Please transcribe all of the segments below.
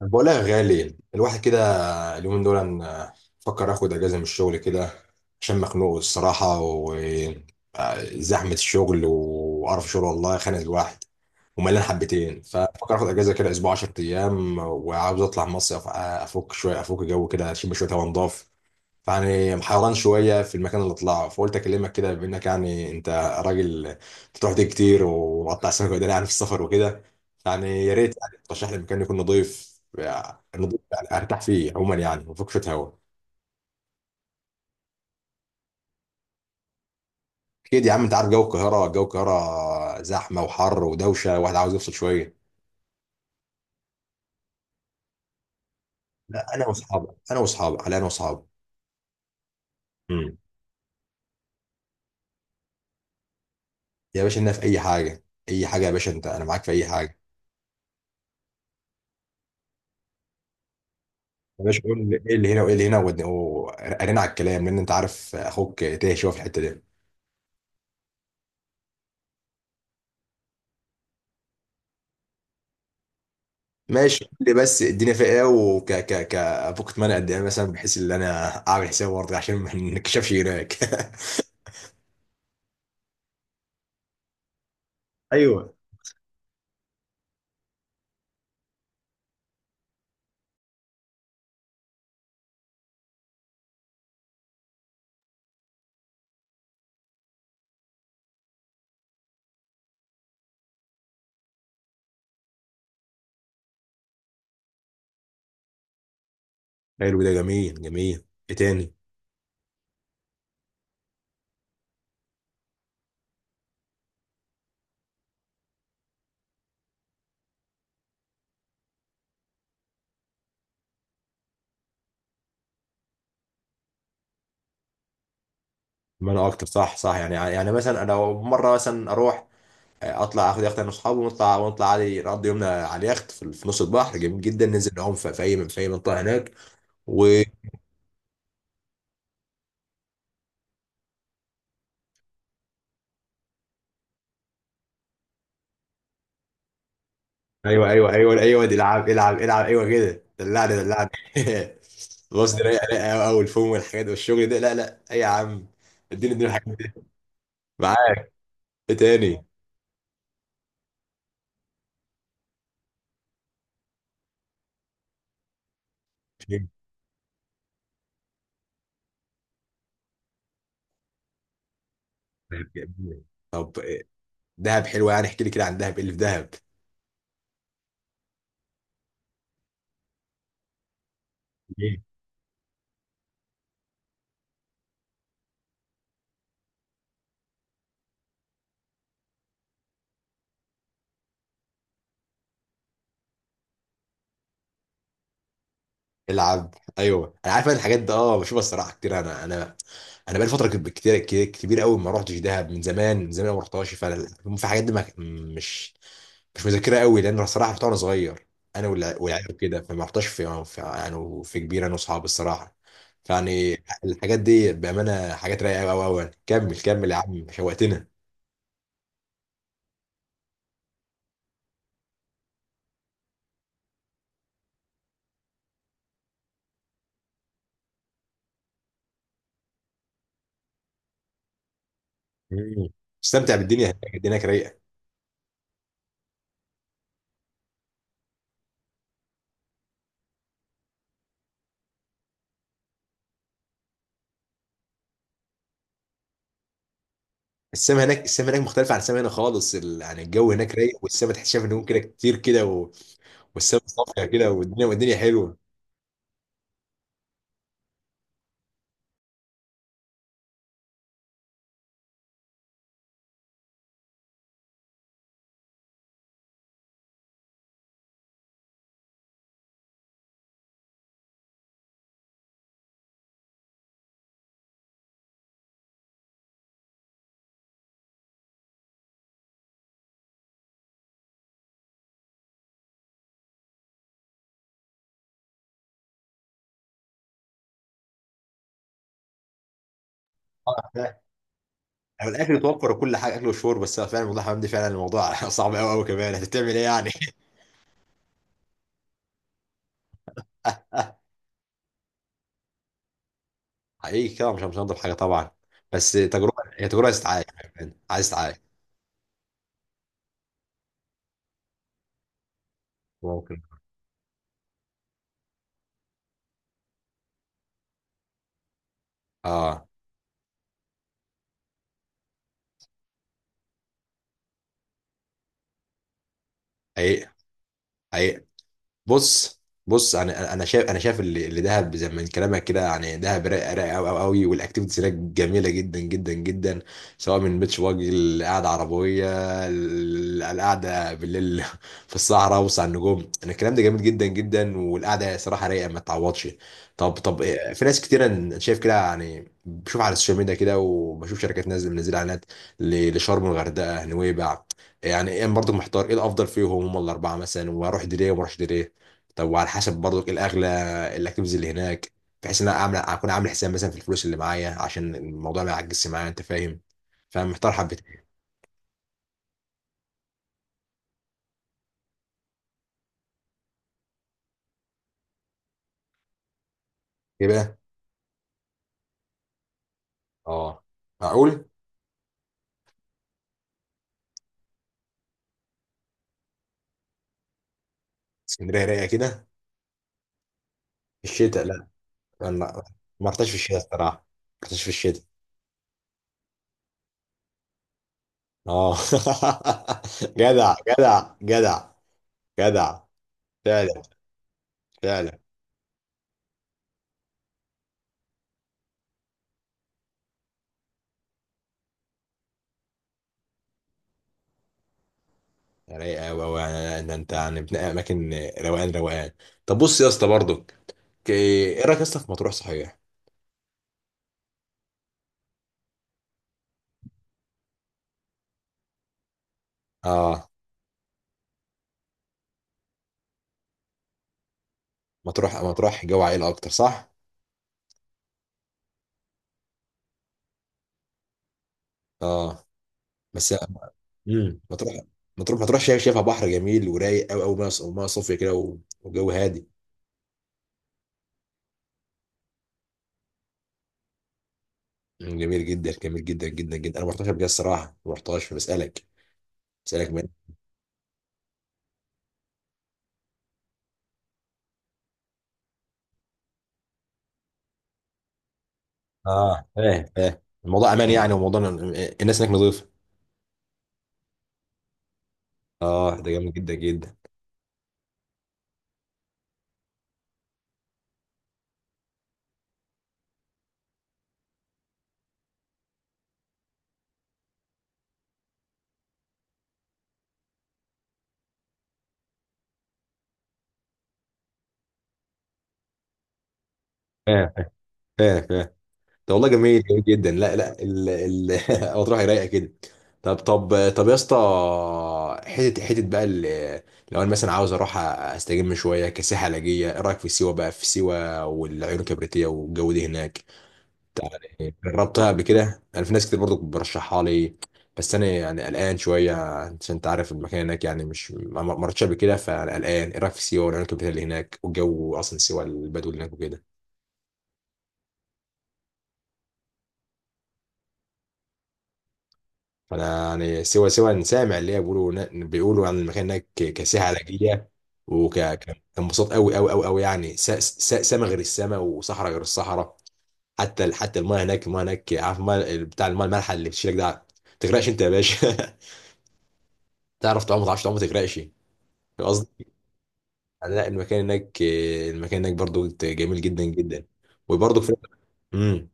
بقولها يا غالي الواحد كده، اليومين دول أنا بفكر اخد اجازه من الشغل كده، عشان مخنوق الصراحه وزحمه الشغل وقرف شغل والله خانق الواحد وملان حبتين. فبفكر اخد اجازه كده اسبوع 10 ايام، وعاوز اطلع مصيف، افك شويه، افك جو كده، اشم شويه هوا نضاف. فيعني محيران شويه في المكان اللي اطلعه، فقلت اكلمك كده بما انك يعني انت راجل بتروح دي كتير وقطع سمك وداني يعني في السفر وكده. يعني يا ريت يعني ترشح لي مكان يكون نظيف، يعني نظيف يعني ارتاح فيه عموما، يعني وفك شويه هوا. اكيد يا عم، انت عارف جو القاهره، جو القاهره زحمه وحر ودوشه، واحد عاوز يفصل شويه. لا انا واصحابي، انا واصحابي، على انا واصحابي. امم. يا باشا لنا في اي حاجه، اي حاجه يا باشا، انت انا معاك في اي حاجه. يا باشا قول لي ايه اللي هنا وايه اللي هنا، وقرينا على الكلام، لان انت عارف اخوك تايه شويه في الحته دي. ماشي، قول لي بس الدنيا فيها ايه، وك ك ك ابوك اتمنى قد ايه مثلا، بحيث ان انا اعمل حساب برضه عشان ما نكشفش هناك. ايوه. حلو، ده جميل جميل، ايه تاني؟ ما انا اكتر، صح صح، يعني مثلا انا مره مثلا اروح اطلع اخد يخت انا واصحابي، ونطلع ونطلع عادي، نقضي يومنا على اليخت في نص البحر جميل جدا، ننزل نعوم في اي منطقه هناك و... ايوه ايوه ايوه ايوه، دي العب العب العب، ايوه كده دلعني دلعني. الوصل دي رايقه رايقه قوي قوي، الفوم والحاجات والشغل ده، لا لا اي يا عم، اديني اديني الحاجات دي. معاك، ايه تاني؟ طب إيه؟ دهب حلوه، يعني احكي لي كده عن دهب، ايه اللي في دهب؟ إيه؟ العب، ايوه انا عارف، أنا الحاجات دي اه بشوفها الصراحه كتير. انا انا بقالي فتره كبيره قوي، ما رحتش دهب من زمان، من زمان ما رحتهاش. فانا في حاجات دي، ما مش مش مذاكرها قوي، لان الصراحه رحت وانا صغير، انا والعيال كده، فما رحتش في كبير انا واصحابي الصراحه. فيعني الحاجات دي بامانه حاجات رايقه قوي قوي قوي. كمل كمل يا عم، شوقتنا. مم. استمتع بالدنيا هناك، الدنيا هناك رايقه. السما هناك، السما هناك مختلفه عن السما هنا خالص، ال... يعني الجو هناك رايق، والسما تحس شايف نجوم كده كتير كده، و... والسما صافيه كده، والدنيا والدنيا حلوه. آه، فعلا. يعني الاكل توفر وكل حاجه، اكل وشرب بس فعلا، والله يا حمدي فعلا الموضوع صعب قوي قوي، كمان هتعمل ايه يعني؟ حقيقي كده مش هنضيف حاجه طبعا، بس تجربه، هي تجربه عايز تتعايش، عايز تتعايش. ممكن. اه حقيقي حقيقي. بص بص، انا شايف اللي دهب زي ما من كلامك كده، يعني دهب رايق رايق قوي قوي قوي، والاكتيفيتيز هناك جميله جدا جدا جدا، سواء من بيتش باجي، القعده عربيه، ال- القعده بالليل في الصحراء وسط على النجوم، انا الكلام ده جميل جدا جدا، والقعده صراحه رايقه ما تعوضش. طب إيه، في ناس كتير أنا شايف كده، يعني بشوف على السوشيال ميديا كده، وبشوف شركات نازله منزله اعلانات لشرم الغردقه نويبع، يعني ايه برضه، محتار ايه الافضل فيهم، هم الاربعه مثلا، واروح دي ليه وما اروحش دي ليه؟ طب وعلى حسب برضك ايه الاغلى الاكتيفيتيز اللي هناك، بحيث ان انا اعمل اكون عامل حساب مثلا في الفلوس اللي معايا عشان الموضوع ما يعجزش معايا، انت فاهم؟ فمحتار حبتين. ايه بقى؟ اه معقول، اسكندريه رايقه كده؟ في الشتاء، لا انا ما رحتش في الشتاء، الصراحه ما رحتش في الشتاء. اه. جدع جدع جدع جدع. فعلا. فعلا. رايقه قوي قوي، يعني ان انت يعني بتنقي اماكن. روقان روقان. طب بص يا اسطى برضك، ايه رايك يا اسطى في مطروح صحيح؟ اه مطروح مطروح جو عائلة أكتر صح؟ اه بس. مطروح. مطروح مطروح، شايفها بحر جميل ورايق قوي قوي، وميه صافية كده، وجو هادي. مم، جميل جدا جميل جدا جدا جدا. أنا ما رحتهاش قبل كده الصراحة، ما رحتهاش فبسألك من... اه، فاهم فاهم. الموضوع أمان يعني، وموضوع الناس هناك نظيفة. اه، ده جميل جدا جدا. فاهم فاهم فاهم. ده والله جميل جميل جدا، لا لا، ال ال مطروح رايقه كده. طب يا اسطى، حته حته بقى، لو انا مثلا عاوز اروح استجم شويه كسياحه علاجيه، ايه رايك في سيوه بقى؟ في سيوه والعيون الكبريتيه والجو ده هناك، جربتها قبل كده انا؟ في ناس كتير برضو برشحها لي، بس انا يعني قلقان شويه، عشان انت عارف المكان هناك يعني مش، ما رحتش قبل كده، فانا قلقان. ايه رايك في سيوه والعيون الكبريتيه اللي هناك؟ والجو اصلا سيوه، البدو اللي هناك وكده، انا يعني سوى سوى إن سامع اللي هي بيقولوا بيقولوا عن المكان هناك كساحه علاجيه، وكانبساط قوي قوي قوي قوي، يعني سما غير السما، وصحراء غير الصحراء. حتى حتى المايه هناك، المايه هناك عارف المايه بتاع المايه المالحه اللي بتشيلك ده، ما تغرقش انت يا باشا. تعرف تعوم، ما تعرفش تعوم ما تغرقش، فاهم قصدي؟ يعني لا المكان هناك، المكان هناك برضو جميل جدا جدا، وبرضو في... امم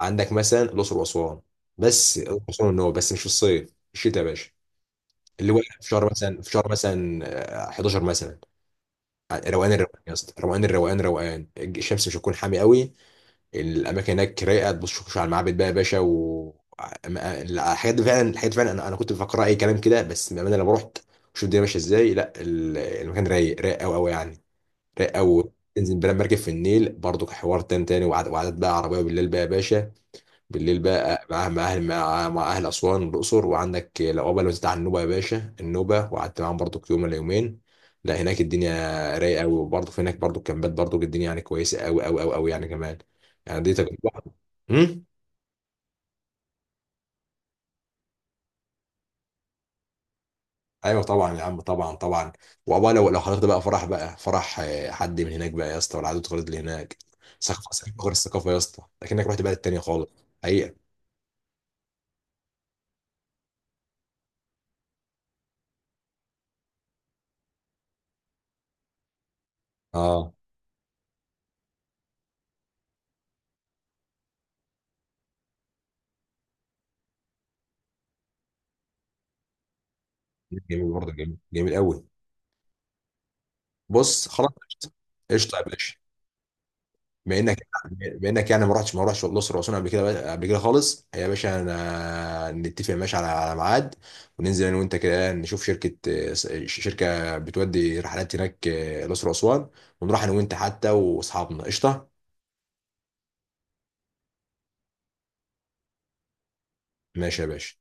عندك مثلا الاقصر واسوان، بس الاقصر واسوان ان هو بس مش في الصيف، في الشتاء يا باشا. اللي هو في شهر مثلا، في شهر مثلا، آه، 11 مثلا. آه، روقان الروقان يا اسطى، روقان الروقان، روقان، الشمس مش هتكون حامي قوي، الاماكن هناك رايقه، تبص شوف على المعابد بقى يا باشا و... الحاجات دي فعلا، الحاجات دي فعلا، انا انا كنت بفكر اي كلام كده، بس بامانه لما رحت شوف الدنيا ماشيه ازاي، لا المكان رايق رايق قوي قوي يعني، رايق قوي. تنزل بلا مركب في النيل برضو، حوار تاني تاني، وعدد بقى عربيه بالليل بقى يا باشا، بالليل بقى مع مع اهل اسوان والاقصر. وعندك العقبه لو بتاع النوبه يا باشا، النوبه وقعدت معاهم برضو يوم ولا يومين. لا هناك الدنيا رايقه قوي، وبرضو في هناك برضو الكامبات، برضو الدنيا يعني كويسه قوي قوي قوي قوي يعني كمان، يعني دي تجربه. امم. ايوه طبعا يا عم، طبعا طبعا. وعقبال لو حضرت بقى فرح، بقى فرح آه، حد من هناك بقى يا اسطى، والعادات والتقاليد اللي هناك ثقافه، ثقافة غير الثقافه يا اسطى، لكنك رحت بلد تانيه خالص. حقيقه. اه جميل برضه، جميل جميل قوي. بص خلاص قشطه. قشطة يا باشا، بما انك بما انك يعني ما رحتش، ما رحتش الاقصر واسوان قبل كده، قبل كده خالص يا باشا، انا نتفق ماشي على ميعاد، وننزل انا وانت كده نشوف شركه بتودي رحلات هناك آه، الاقصر واسوان، ونروح انا وانت حتى واصحابنا. قشطه. ماشي يا باشا.